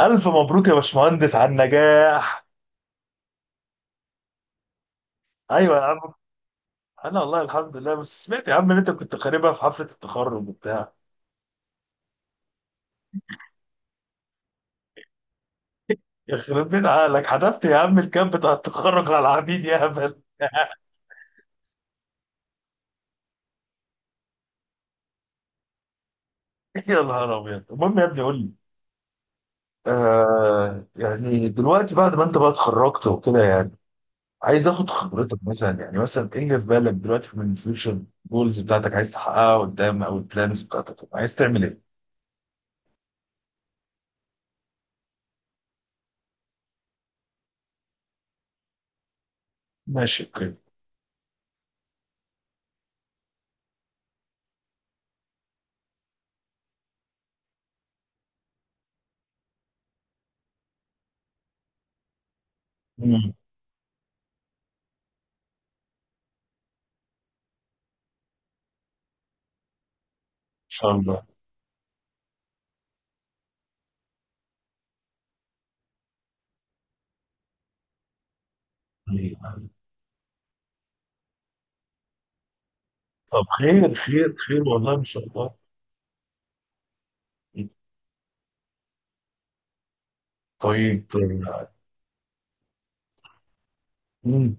ألف مبروك يا باشمهندس على النجاح. أيوة يا عم. أنا والله الحمد لله، بس سمعت يا عم إن أنت كنت خاربها في حفلة التخرج وبتاع. يخرب بيت عقلك، حذفت يا عم الكامب بتاع التخرج على العبيد يا هبل. يا نهار أبيض. المهم يا ابني قول لي، يعني دلوقتي بعد ما أنت بقى اتخرجت وكده، يعني عايز آخد خبرتك مثلا، يعني مثلا إيه اللي في بالك دلوقتي من الفيوتشر جولز بتاعتك عايز تحققها قدام، أو البلانز بتاعتك عايز تعمل إيه؟ ماشي، أوكي. إن شاء الله. طب خير خير خير، والله ان شاء الله. طيب. مم.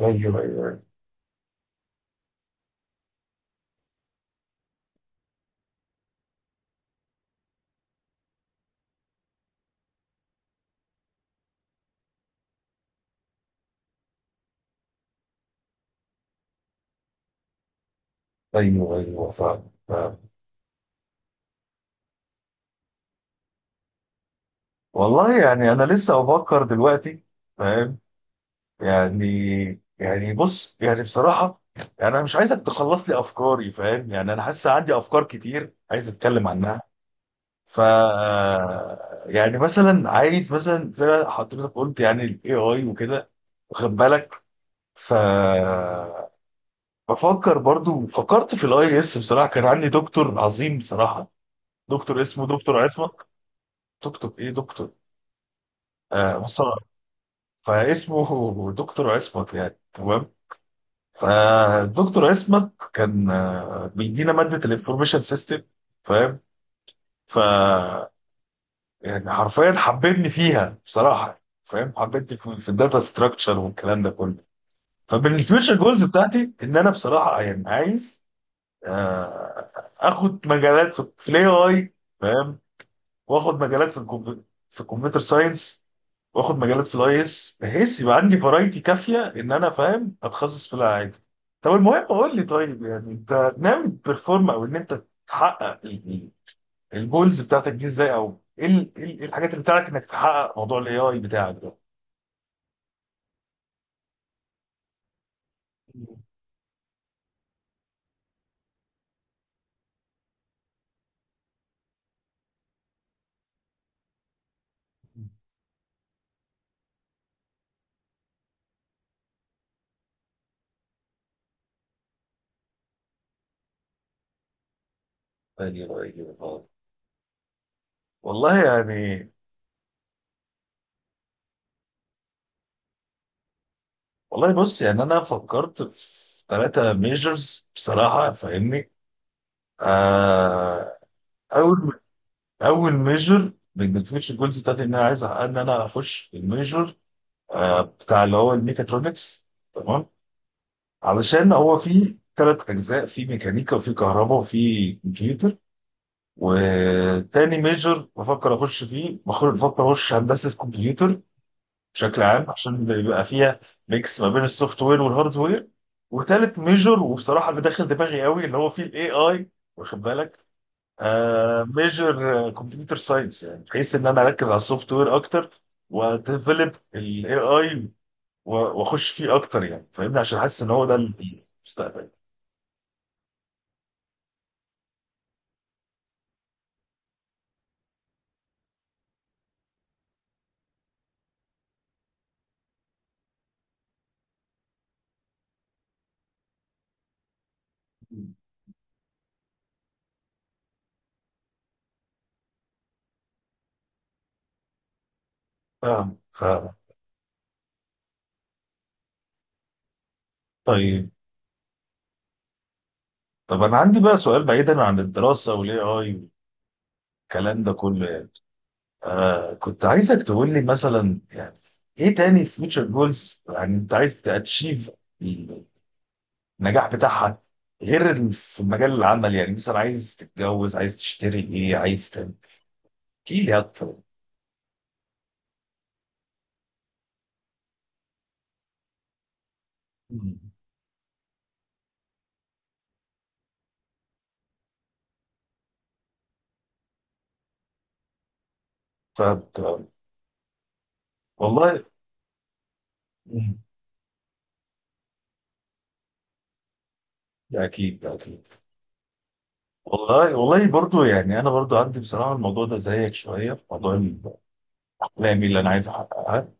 ايوه ايوه ايوه ايوه، فاهم فاهم. والله يعني انا لسه بفكر دلوقتي. فاهم يعني. يعني بص، يعني بصراحه يعني انا مش عايزك تخلص لي افكاري، فاهم؟ يعني انا حاسس عندي افكار كتير عايز اتكلم عنها. ف يعني مثلا عايز، مثلا زي ما حضرتك قلت يعني الاي اي وكده، واخد بالك؟ ف بفكر برضو، فكرت في الاي اس. بصراحه كان عندي دكتور عظيم بصراحه، دكتور اسمه دكتور عصمت. دكتور ايه دكتور؟ مصطفى. فاسمه دكتور عصمت يعني تمام. فالدكتور عصمت كان بيدينا ماده الانفورميشن سيستم، فاهم؟ ف يعني حرفيا حببني فيها بصراحه، فاهم؟ حببني في الداتا ستراكشر والكلام ده كله. فمن الفيوتشر جولز بتاعتي ان انا بصراحه يعني عايز آه، اخد مجالات في الاي اي، فاهم؟ واخد مجالات في الكمبيوتر، في الكمبيوتر ساينس، واخد مجالات في الاي اس، بحيث يبقى عندي فرايتي كافيه ان انا، فاهم، اتخصص في العادي. طب المهم قول لي، طيب يعني انت ناوي تبرفورم او ان انت تحقق الجولز بتاعتك دي ازاي؟ او ايه ال- إيه ال- إيه الحاجات اللي بتاعتك انك تحقق موضوع الاي اي بتاعك ده؟ أيوة، أيوة. آه. والله يعني. والله بص، يعني انا فكرت في ثلاثة ميجرز بصراحة، فاهمني؟ آه. اول، اول ميجر من الفيوتشر جولز بتاعتي ان انا عايز أحقق ان انا اخش الميجر بتاع اللي هو الميكاترونكس، تمام؟ علشان هو فيه ثلاث اجزاء، فيه ميكانيكا وفيه كهرباء وفيه كمبيوتر. وتاني ميجر بفكر اخش فيه، بفكر اخش هندسة كمبيوتر بشكل عام، عشان بيبقى فيها ميكس ما بين السوفت وير والهارد وير. وتالت ميجور، وبصراحه اللي داخل دماغي قوي، اللي هو فيه الاي اي، واخد بالك؟ آه، ميجور كمبيوتر ساينس، يعني بحيث ان انا اركز على السوفت وير اكتر، واديفلوب الاي اي واخش فيه اكتر يعني، فاهمني؟ عشان حاسس ان هو ده المستقبل. فاهم فاهم. طيب. طب انا عندي بقى سؤال بعيدا عن الدراسه والاي اي والكلام ده كله يعني. آه، كنت عايزك تقول لي مثلا يعني، ايه تاني فيوتشر جولز يعني انت عايز تاتشيف النجاح بتاعها؟ غير في مجال العمل، يعني مثلا عايز تتجوز، عايز تشتري ايه، عايز تعمل، احكي لي اكتر. مم. ف والله. مم. ده اكيد ده اكيد. والله والله، برضو يعني انا برضو عندي بصراحه الموضوع ده زيك شويه. في موضوع احلامي اللي انا عايز احققها،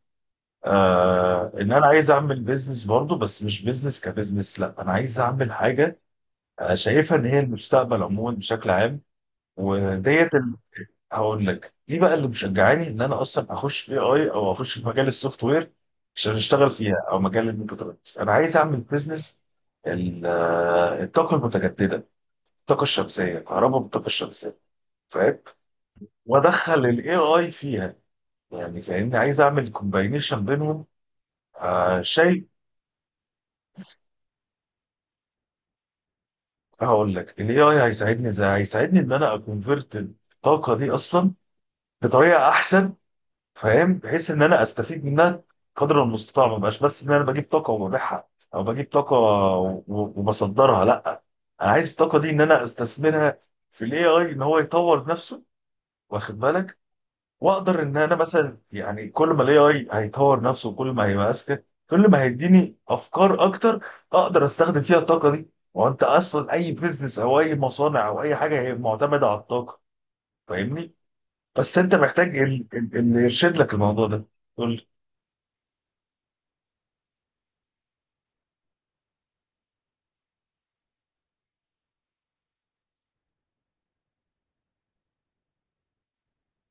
آه، ان انا عايز اعمل بيزنس برضو، بس مش بيزنس كبيزنس، لا، انا عايز اعمل حاجه شايفها ان هي المستقبل عموما بشكل عام. وديت ال... هقول لك. دي بقى اللي مشجعاني ان انا اصلا اخش اي اي، او اخش في مجال السوفت وير عشان اشتغل فيها، او مجال الميكاترونكس. انا عايز اعمل بزنس الطاقه المتجدده، الطاقه الشمسيه، الكهرباء بالطاقه الشمسيه، فاهم؟ وادخل الاي اي فيها، يعني فاهمني؟ عايز اعمل كومباينيشن بينهم. آه شيء. هقول لك الاي اي هيساعدني ازاي. هيساعدني ان انا اكونفرت الطاقه دي اصلا بطريقه احسن، فاهم؟ بحيث ان انا استفيد منها قدر المستطاع، ما بقاش بس ان انا بجيب طاقه وببيعها، او بجيب طاقه وبصدرها، لا. انا عايز الطاقه دي ان انا استثمرها في الاي اي، ان هو يطور نفسه، واخد بالك؟ واقدر ان انا مثلا يعني كل ما الاي اي هيطور نفسه وكل ما هيبقى اذكى، كل ما هيديني افكار اكتر، اقدر استخدم فيها الطاقه دي. وانت اصلا اي بيزنس او اي مصانع او اي حاجه هي معتمده على الطاقه، فاهمني؟ بس انت محتاج اللي يرشد لك الموضوع ده.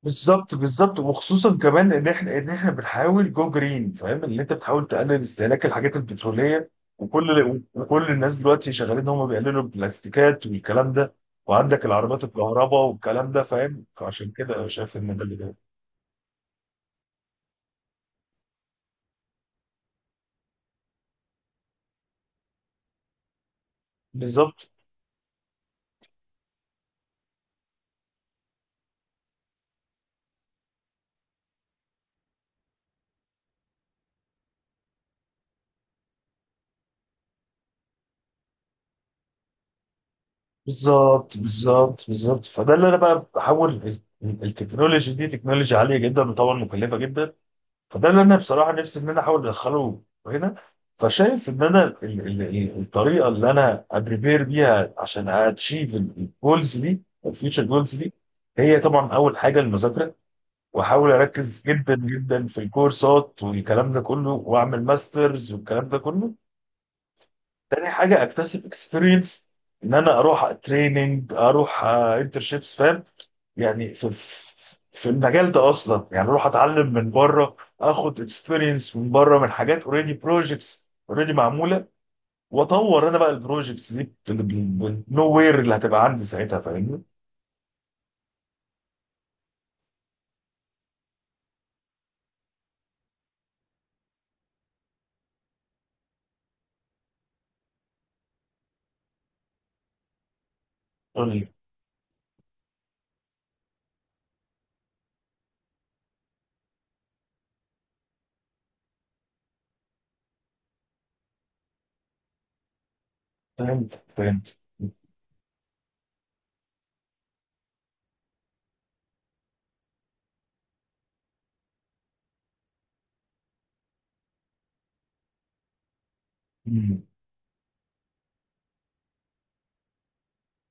بالظبط بالظبط. وخصوصا كمان ان احنا ان احنا بنحاول جو جرين، فاهم؟ ان انت بتحاول تقلل استهلاك الحاجات البتروليه. وكل الناس دلوقتي شغالين ان هم بيقللوا البلاستيكات والكلام ده، وعندك العربيات الكهرباء والكلام ده، فاهم؟ فعشان كده انا شايف ان ده اللي جاي. بالظبط بالظبط بالظبط بالظبط. فده اللي انا بقى بحاول التكنولوجي دي تكنولوجيا عاليه جدا وطبعا مكلفه جدا. فده اللي انا بصراحه نفسي ان انا احاول ادخله هنا. فشايف ان انا الطريقه اللي انا ابريبير بيها عشان اتشيف الجولز دي، الفيوتشر جولز دي، هي طبعا اول حاجه المذاكره، واحاول اركز جدا جدا في الكورسات والكلام ده كله، واعمل ماسترز والكلام ده كله. تاني حاجه اكتسب اكسبيرينس، ان انا اروح تريننج، اروح انترشيبس، فاهم؟ يعني في، في المجال ده اصلا، يعني اروح اتعلم من بره، اخد اكسبيرينس من بره، من حاجات اوريدي بروجكتس اوريدي معموله، واطور انا بقى البروجكتس دي بالنو وير اللي هتبقى عندي ساعتها، فاهمني؟ قول لي. فهمت فهمت.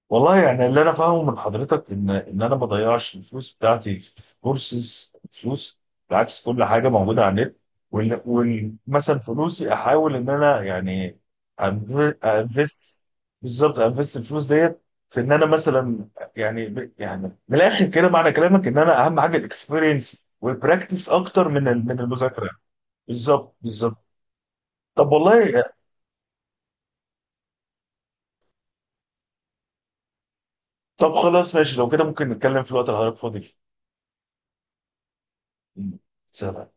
والله يعني اللي انا فاهمه من حضرتك ان ان انا ما بضيعش الفلوس بتاعتي في كورسز فلوس. بالعكس، كل حاجه موجوده على النت وال- ومثلا فلوسي احاول ان انا يعني انفست. بالظبط، انفست الفلوس ديت في ان انا مثلا يعني، يعني من الاخر كده معنى كلامك ان انا اهم حاجه الاكسبيرينس والبراكتس اكتر من من المذاكره. بالظبط بالظبط. طب والله. طب خلاص ماشي، لو كده ممكن نتكلم في الوقت اللي حضرتك فاضي فيه. سلام.